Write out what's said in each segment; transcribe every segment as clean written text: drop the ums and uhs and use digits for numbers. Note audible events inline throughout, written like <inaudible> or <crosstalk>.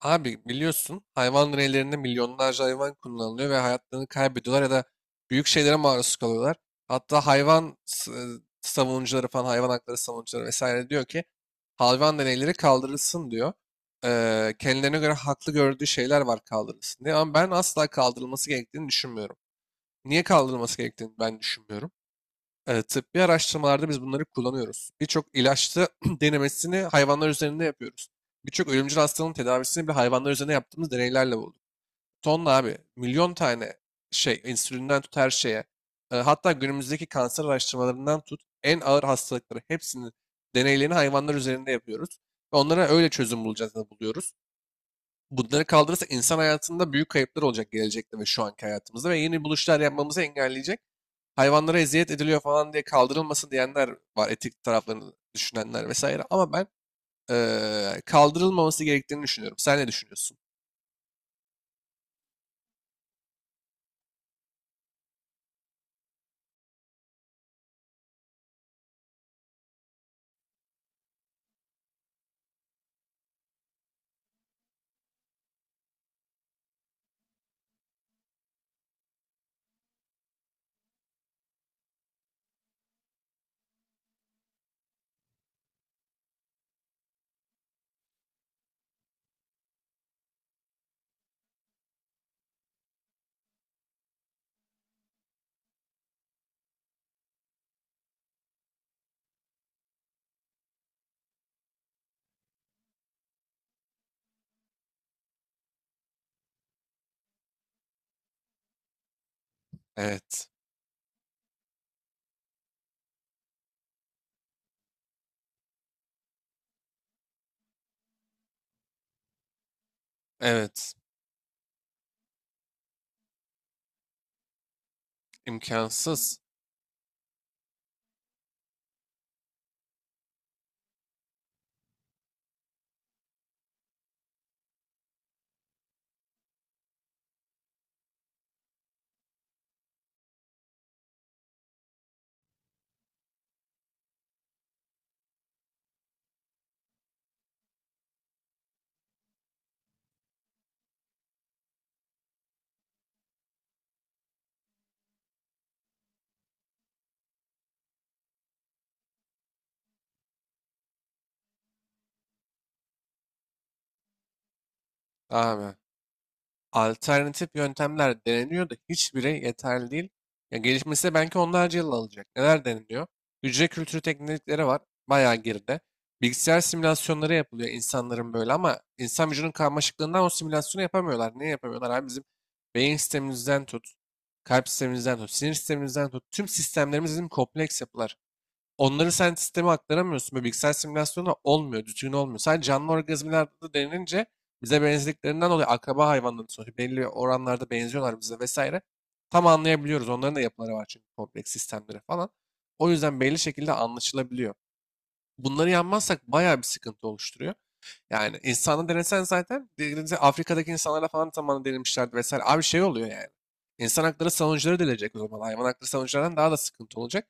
Abi biliyorsun hayvan deneylerinde milyonlarca hayvan kullanılıyor ve hayatlarını kaybediyorlar ya da büyük şeylere maruz kalıyorlar. Hatta hayvan savunucuları falan hayvan hakları savunucuları vesaire diyor ki hayvan deneyleri kaldırılsın diyor. Kendilerine göre haklı gördüğü şeyler var kaldırılsın diye ama ben asla kaldırılması gerektiğini düşünmüyorum. Niye kaldırılması gerektiğini ben düşünmüyorum. Tıbbi araştırmalarda biz bunları kullanıyoruz. Birçok ilaçta <clears throat> denemesini hayvanlar üzerinde yapıyoruz. Birçok ölümcül hastalığın tedavisini bile hayvanlar üzerinde yaptığımız deneylerle bulduk. Tonla abi, milyon tane şey, insülinden tut her şeye. Hatta günümüzdeki kanser araştırmalarından tut, en ağır hastalıkları hepsinin deneylerini hayvanlar üzerinde yapıyoruz. Ve onlara öyle çözüm bulacağız da buluyoruz. Bunları kaldırırsa insan hayatında büyük kayıplar olacak gelecekte ve şu anki hayatımızda ve yeni buluşlar yapmamızı engelleyecek hayvanlara eziyet ediliyor falan diye kaldırılmasın diyenler var. Etik taraflarını düşünenler vesaire. Ama ben kaldırılmaması gerektiğini düşünüyorum. Sen ne düşünüyorsun? Evet. Evet. İmkansız. Abi. Alternatif yöntemler deneniyor da hiçbiri yeterli değil. Ya gelişmesi de belki onlarca yıl alacak. Neler deniliyor? Hücre kültürü teknikleri var. Bayağı geride. Bilgisayar simülasyonları yapılıyor insanların böyle ama insan vücudunun karmaşıklığından o simülasyonu yapamıyorlar. Niye yapamıyorlar? Abi bizim beyin sistemimizden tut, kalp sistemimizden tut, sinir sistemimizden tut. Tüm sistemlerimiz bizim kompleks yapılar. Onları sen sisteme aktaramıyorsun. Böyle bilgisayar simülasyonu olmuyor, düzgün olmuyor. Sadece canlı organizmalarda da denince bize benzediklerinden dolayı akraba hayvanların sonuçta belli oranlarda benziyorlar bize vesaire. Tam anlayabiliyoruz. Onların da yapıları var çünkü kompleks sistemleri falan. O yüzden belli şekilde anlaşılabiliyor. Bunları yanmazsak bayağı bir sıkıntı oluşturuyor. Yani insanı denesen zaten dediğinizde Afrika'daki insanlarla falan zamanında denemişlerdi vesaire. Abi şey oluyor yani. İnsan hakları savunucuları delecek o zaman. Hayvan hakları savunucularından daha da sıkıntı olacak.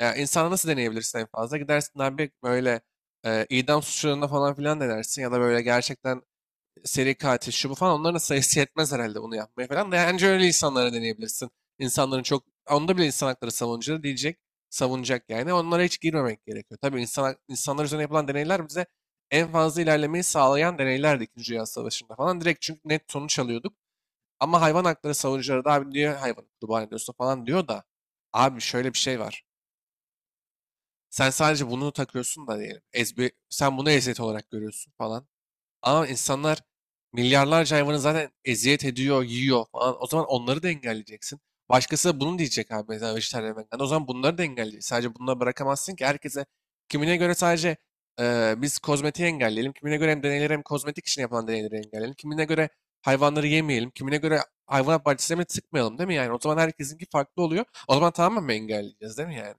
Ya insana nasıl deneyebilirsin en fazla? Gidersin abi böyle idam suçlarına falan filan denersin ya da böyle gerçekten seri katil şu bu falan onların da sayısı yetmez herhalde bunu yapmaya falan. Yani önce öyle insanlara deneyebilirsin. İnsanların çok onda bile insan hakları savunucuları diyecek, savunacak yani. Onlara hiç girmemek gerekiyor. Tabii insan, insanlar üzerine yapılan deneyler bize en fazla ilerlemeyi sağlayan deneylerdi İkinci Dünya Savaşı'nda falan. Direkt çünkü net sonuç alıyorduk. Ama hayvan hakları savunucuları da abi diyor hayvanı kurban ediyorsun falan diyor da abi şöyle bir şey var. Sen sadece bunu takıyorsun da diyelim. Sen bunu eziyet olarak görüyorsun falan. Ama insanlar milyarlarca hayvanı zaten eziyet ediyor, yiyor falan. O zaman onları da engelleyeceksin. Başkası da bunu diyecek abi mesela vejetaryen vegan. O zaman bunları da engelleyeceksin. Sadece bunları bırakamazsın ki herkese. Kimine göre sadece biz kozmetiği engelleyelim. Kimine göre hem deneyleri hem kozmetik için yapılan deneyleri engelleyelim. Kimine göre hayvanları yemeyelim. Kimine göre hayvanat bahçelerine tıkmayalım değil mi yani? O zaman herkesinki farklı oluyor. O zaman tamamen mi engelleyeceğiz değil mi yani?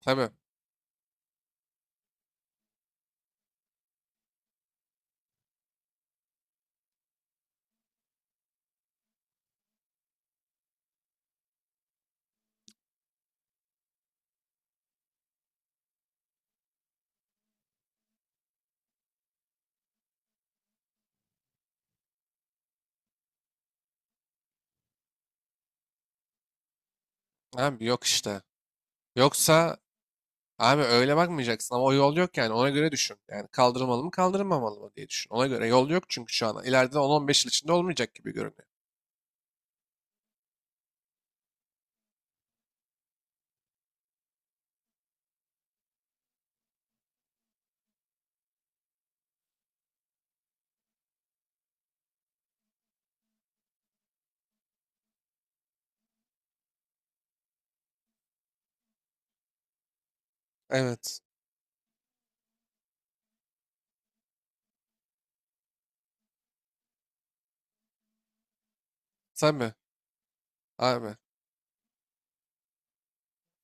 Tabii. Abi yok işte. Yoksa abi öyle bakmayacaksın ama o yol yok yani ona göre düşün. Yani kaldırılmalı mı kaldırılmamalı mı diye düşün. Ona göre yol yok çünkü şu an ileride 10-15 yıl içinde olmayacak gibi görünüyor. Evet, tabii abi.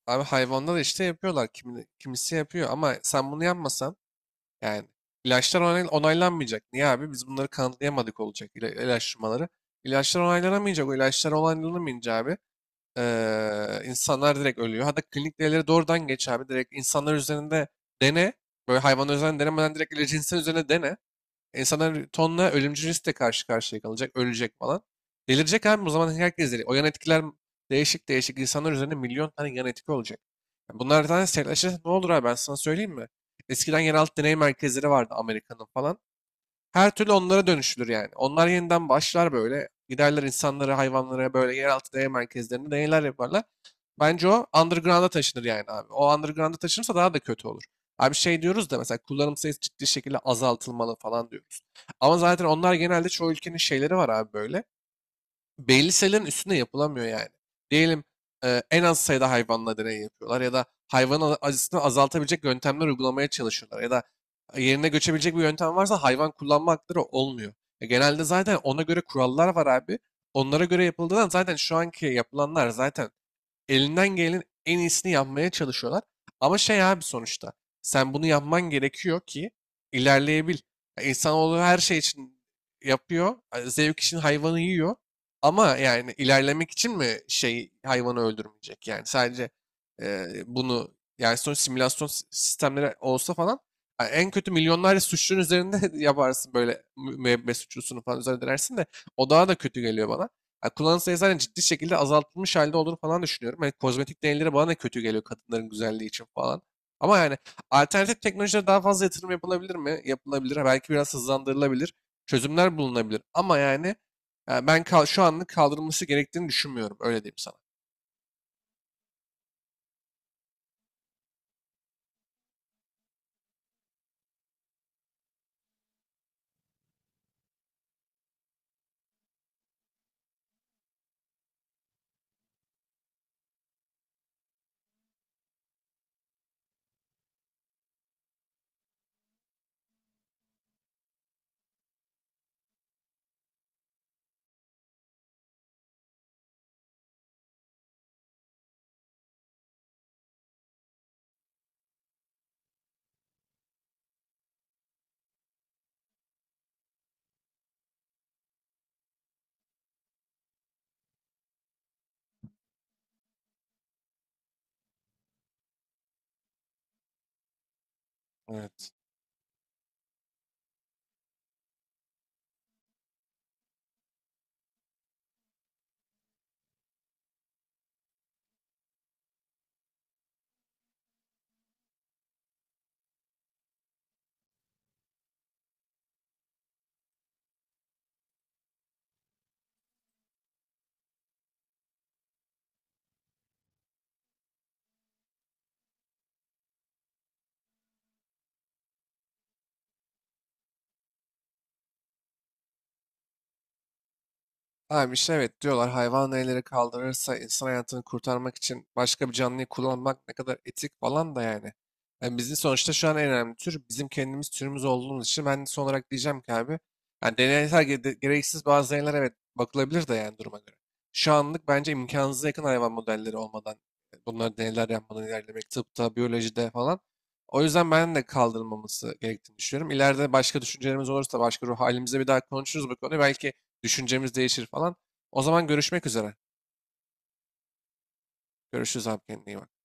Abi hayvanlar işte yapıyorlar kimi, kimisi yapıyor ama sen bunu yapmasan yani ilaçlar onaylanmayacak. Niye abi biz bunları kanıtlayamadık olacak ilaçlamaları. İlaçlar onaylanamayacak o ilaçlar onaylanamayınca abi insanlar direkt ölüyor. Hatta klinik deneyleri doğrudan geç abi. Direkt insanlar üzerinde dene. Böyle hayvanlar üzerinde denemeden direkt ilacı insan üzerine dene. İnsanlar tonla ölümcül riskle karşı karşıya kalacak. Ölecek falan. Delirecek abi. O zaman herkes deli. O yan etkiler değişik değişik insanlar üzerinde milyon tane yan etki olacak. Yani bunlardan sertleşirse ne olur abi ben sana söyleyeyim mi? Eskiden yeraltı deney merkezleri vardı Amerika'nın falan. Her türlü onlara dönüşülür yani. Onlar yeniden başlar böyle. Giderler insanlara, hayvanlara böyle yeraltı deney merkezlerinde deneyler yaparlar. Bence o underground'a taşınır yani abi. O underground'a taşınırsa daha da kötü olur. Abi şey diyoruz da mesela kullanım sayısı ciddi şekilde azaltılmalı falan diyoruz. Ama zaten onlar genelde çoğu ülkenin şeyleri var abi böyle. Belli sayıların üstünde yapılamıyor yani. Diyelim en az sayıda hayvanla deney yapıyorlar ya da hayvanın acısını azaltabilecek yöntemler uygulamaya çalışıyorlar ya da yerine göçebilecek bir yöntem varsa hayvan kullanma hakları olmuyor. Genelde zaten ona göre kurallar var abi. Onlara göre yapıldığından zaten şu anki yapılanlar zaten elinden gelenin en iyisini yapmaya çalışıyorlar. Ama şey abi sonuçta sen bunu yapman gerekiyor ki ilerleyebil. Ya İnsanoğlu her şey için yapıyor. Zevk için hayvanı yiyor. Ama yani ilerlemek için mi şey hayvanı öldürmeyecek? Yani sadece bunu yani sonuç simülasyon sistemleri olsa falan yani en kötü milyonlarca suçlunun üzerinde <laughs> yaparsın böyle müebbet suçlusunu falan üzerine dersin de o daha da kötü geliyor bana. Ya kullanım sayısı zaten ciddi şekilde azaltılmış halde olduğunu falan düşünüyorum. Yani kozmetik deneyleri bana da kötü geliyor kadınların güzelliği için falan. Ama yani alternatif teknolojilere daha fazla yatırım yapılabilir mi? Yapılabilir. Ha, belki biraz hızlandırılabilir. Çözümler bulunabilir. Ama yani, yani ben şu anlık kaldırılması gerektiğini düşünmüyorum. Öyle diyeyim sana. Evet. Abi işte evet diyorlar hayvan elleri kaldırırsa insan hayatını kurtarmak için başka bir canlıyı kullanmak ne kadar etik falan da yani. Yani bizim sonuçta şu an en önemli tür bizim kendimiz türümüz olduğumuz için ben son olarak diyeceğim ki abi yani deneysel gereksiz bazı deneyler evet bakılabilir de yani duruma göre. Şu anlık bence imkansıza yakın hayvan modelleri olmadan bunları deneyler yapmadan ilerlemek tıpta, biyolojide falan. O yüzden ben de kaldırılmaması gerektiğini düşünüyorum. İleride başka düşüncelerimiz olursa başka ruh halimizde bir daha konuşuruz bu konuyu. Belki düşüncemiz değişir falan. O zaman görüşmek üzere. Görüşürüz abi, kendine iyi bak.